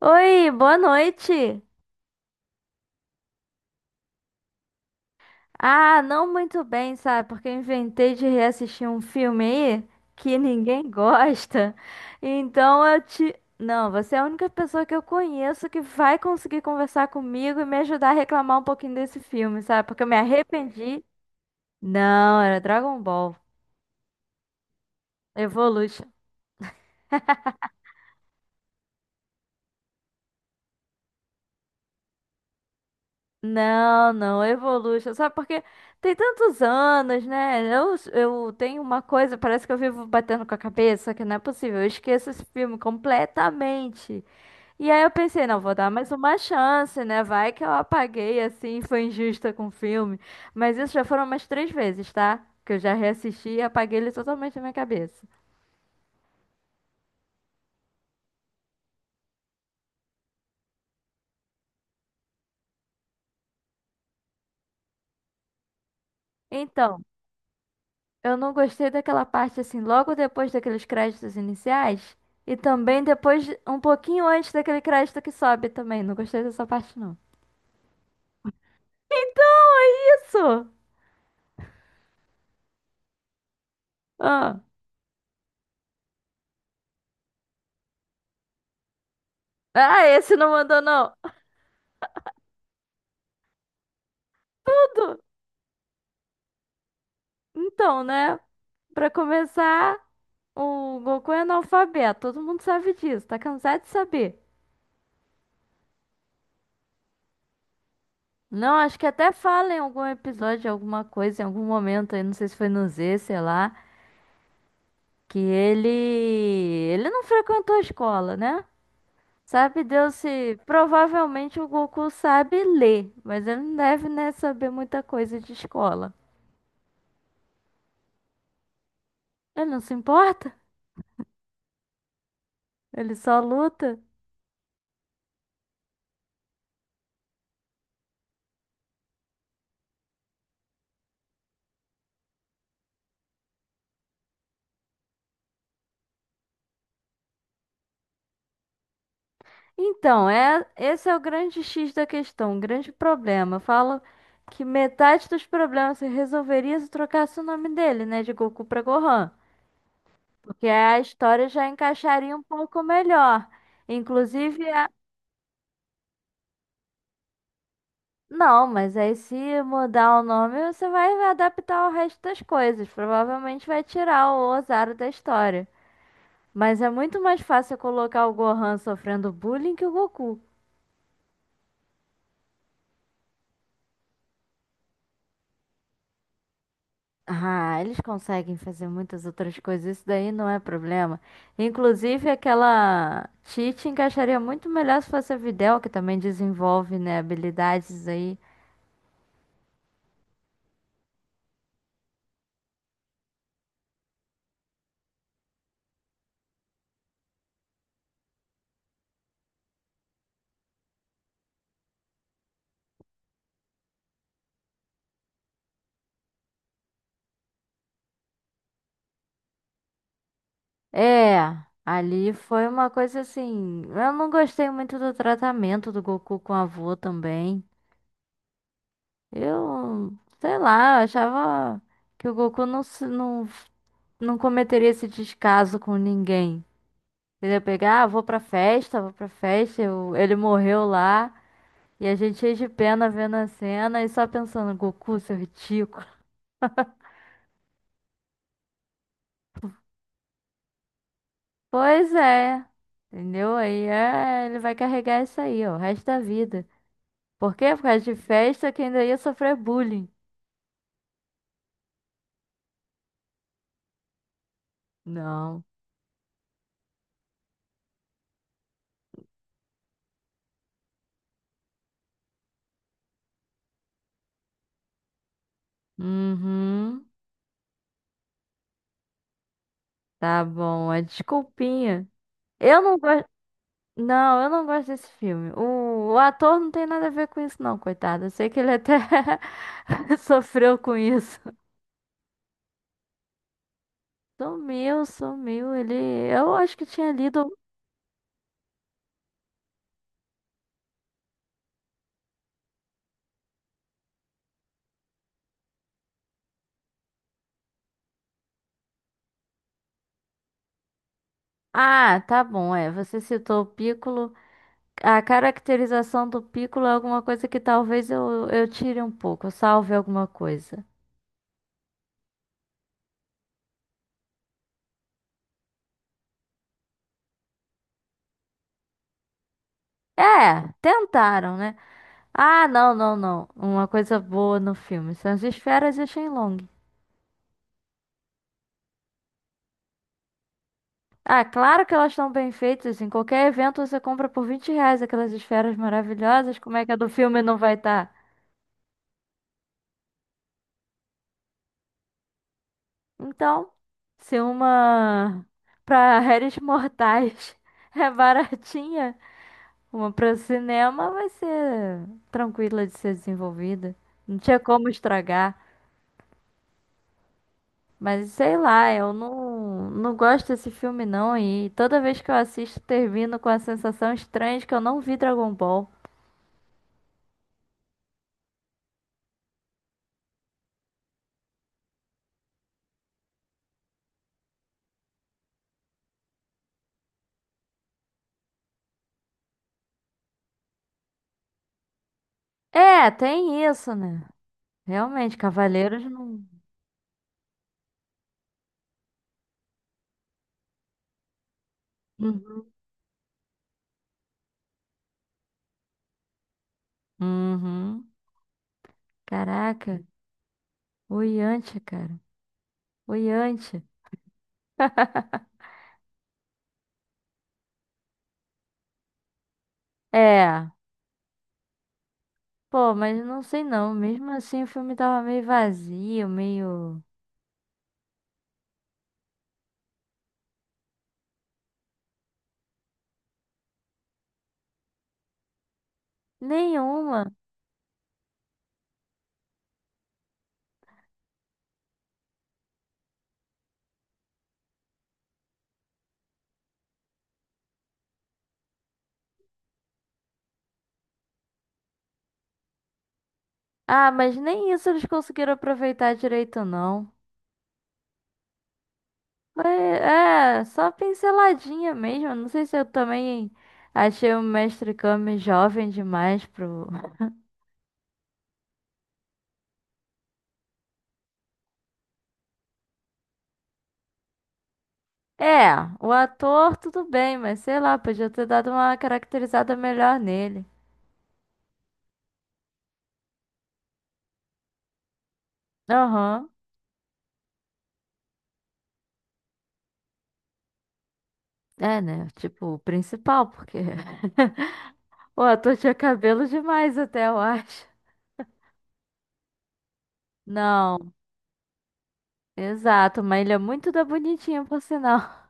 Oi, boa noite. Ah, não muito bem, sabe? Porque eu inventei de reassistir um filme aí que ninguém gosta. Então eu te. Não, você é a única pessoa que eu conheço que vai conseguir conversar comigo e me ajudar a reclamar um pouquinho desse filme, sabe? Porque eu me arrependi. Não, era Dragon Ball. Evolution. Não, não, Evolution. Sabe porque tem tantos anos, né? Eu tenho uma coisa, parece que eu vivo batendo com a cabeça, que não é possível. Eu esqueço esse filme completamente. E aí eu pensei, não, vou dar mais uma chance, né? Vai que eu apaguei assim, foi injusta com o filme. Mas isso já foram umas três vezes, tá? Que eu já reassisti e apaguei ele totalmente da minha cabeça. Então. Eu não gostei daquela parte assim, logo depois daqueles créditos iniciais e também depois, um pouquinho antes daquele crédito que sobe também. Não gostei dessa parte, não. Então, é isso! Ah, ah, esse não mandou, não. Tudo! Então, né? Pra começar, o Goku é analfabeto. Todo mundo sabe disso. Tá cansado de saber. Não, acho que até fala em algum episódio, alguma coisa, em algum momento aí, não sei se foi no Z, sei lá, que ele. Ele não frequentou a escola, né? Sabe Deus se provavelmente o Goku sabe ler, mas ele não deve, né, saber muita coisa de escola. Ele não se importa, ele só luta. Então, é, esse é o grande X da questão, o grande problema. Falam que metade dos problemas se resolveria se trocasse o nome dele, né, de Goku para Gohan, porque a história já encaixaria um pouco melhor. Inclusive, não, mas aí se mudar o nome, você vai adaptar o resto das coisas. Provavelmente vai tirar o Ozaru da história. Mas é muito mais fácil colocar o Gohan sofrendo bullying que o Goku. Ah, eles conseguem fazer muitas outras coisas, isso daí não é problema. Inclusive, aquela Tite encaixaria muito melhor se fosse a Videl, que também desenvolve, né, habilidades aí. É, ali foi uma coisa assim. Eu não gostei muito do tratamento do Goku com a avó também. Eu, sei lá, eu achava que o Goku não cometeria esse descaso com ninguém. Entendeu? Pegar, ah, vou pra festa, ele morreu lá, e a gente cheio de pena vendo a cena e só pensando, Goku, seu ridículo. Pois é, entendeu? Aí é, ele vai carregar isso aí, ó, o resto da vida. Por quê? Por causa de festa que ainda ia sofrer bullying. Não. Uhum. Tá bom, é desculpinha. Eu não gosto. Não, eu não gosto desse filme. O ator não tem nada a ver com isso, não, coitado. Eu sei que ele até sofreu com isso. Sumiu, sumiu. Ele. Eu acho que tinha lido. Um Ah, tá bom, é. Você citou o Piccolo. A caracterização do Piccolo é alguma coisa que talvez eu tire um pouco, eu salve alguma coisa. É, tentaram, né? Ah, não, não, não. Uma coisa boa no filme são as esferas e o Shenlong. Ah, claro que elas estão bem feitas. Em qualquer evento você compra por R$ 20 aquelas esferas maravilhosas. Como é que a do filme não vai estar? Então, se uma para réis mortais é baratinha, uma para cinema vai ser tranquila de ser desenvolvida. Não tinha como estragar. Mas sei lá, eu não gosto desse filme não. E toda vez que eu assisto, termino com a sensação estranha de que eu não vi Dragon Ball. É, tem isso, né? Realmente, Cavaleiros não. Uhum. Uhum. Caraca. O Yantia, cara. O Yantia. É. Pô, mas não sei não. Mesmo assim, o filme tava meio vazio, meio. Nenhuma. Ah, mas nem isso eles conseguiram aproveitar direito, não. Foi, é, só pinceladinha mesmo. Não sei se eu também achei o Mestre Kami jovem demais pro, é, o ator tudo bem, mas sei lá, podia ter dado uma caracterizada melhor nele. Aham. É, né? Tipo, o principal, porque o ator tinha cabelo demais até, eu acho. Não, exato, mas ele é muito da bonitinha, por sinal.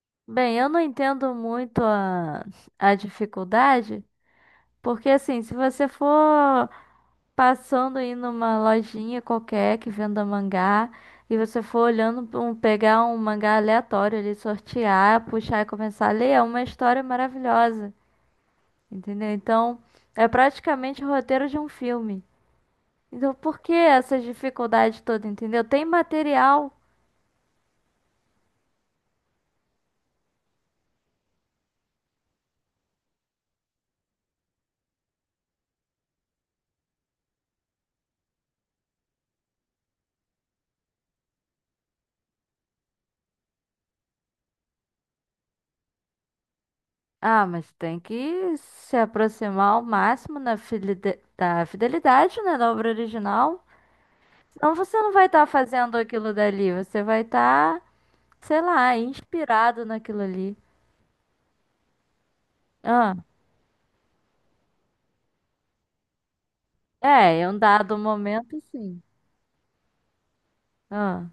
Bem, eu não entendo muito a dificuldade, porque assim, se você for passando aí numa lojinha qualquer que venda mangá e você for olhando pra um, pegar um mangá aleatório ali, sortear, puxar e começar a ler, é uma história maravilhosa, entendeu? Então, é praticamente o roteiro de um filme. Então, por que essa dificuldade toda, entendeu? Tem material. Ah, mas tem que se aproximar ao máximo na da fidelidade, né, da obra original. Senão você não vai estar fazendo aquilo dali, você vai estar sei lá, inspirado naquilo ali. Ah, é, em um dado momento, sim. Ah,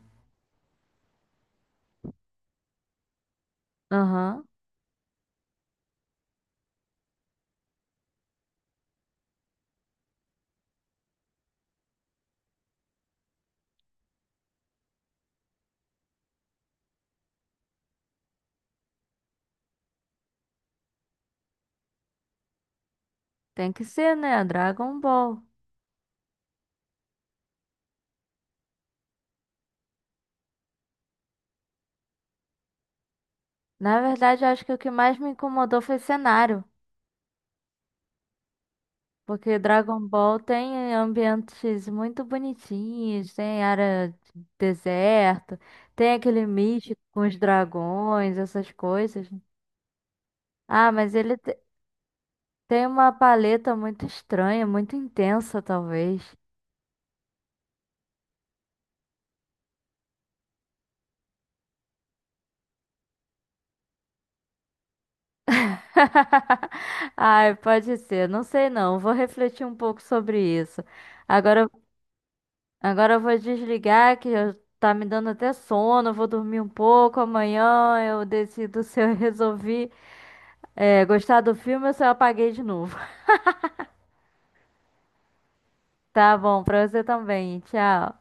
aham. Tem que ser, né? Dragon Ball. Na verdade, eu acho que o que mais me incomodou foi cenário. Porque Dragon Ball tem ambientes muito bonitinhos, tem área de deserto, tem aquele místico com os dragões, essas coisas. Ah, mas tem uma paleta muito estranha, muito intensa, talvez. Ai, pode ser. Não sei não. Vou refletir um pouco sobre isso. Agora, agora eu vou desligar tá me dando até sono. Vou dormir um pouco. Amanhã eu decido se eu resolvi é, gostar do filme ou se eu apaguei de novo. Tá bom, pra você também. Tchau.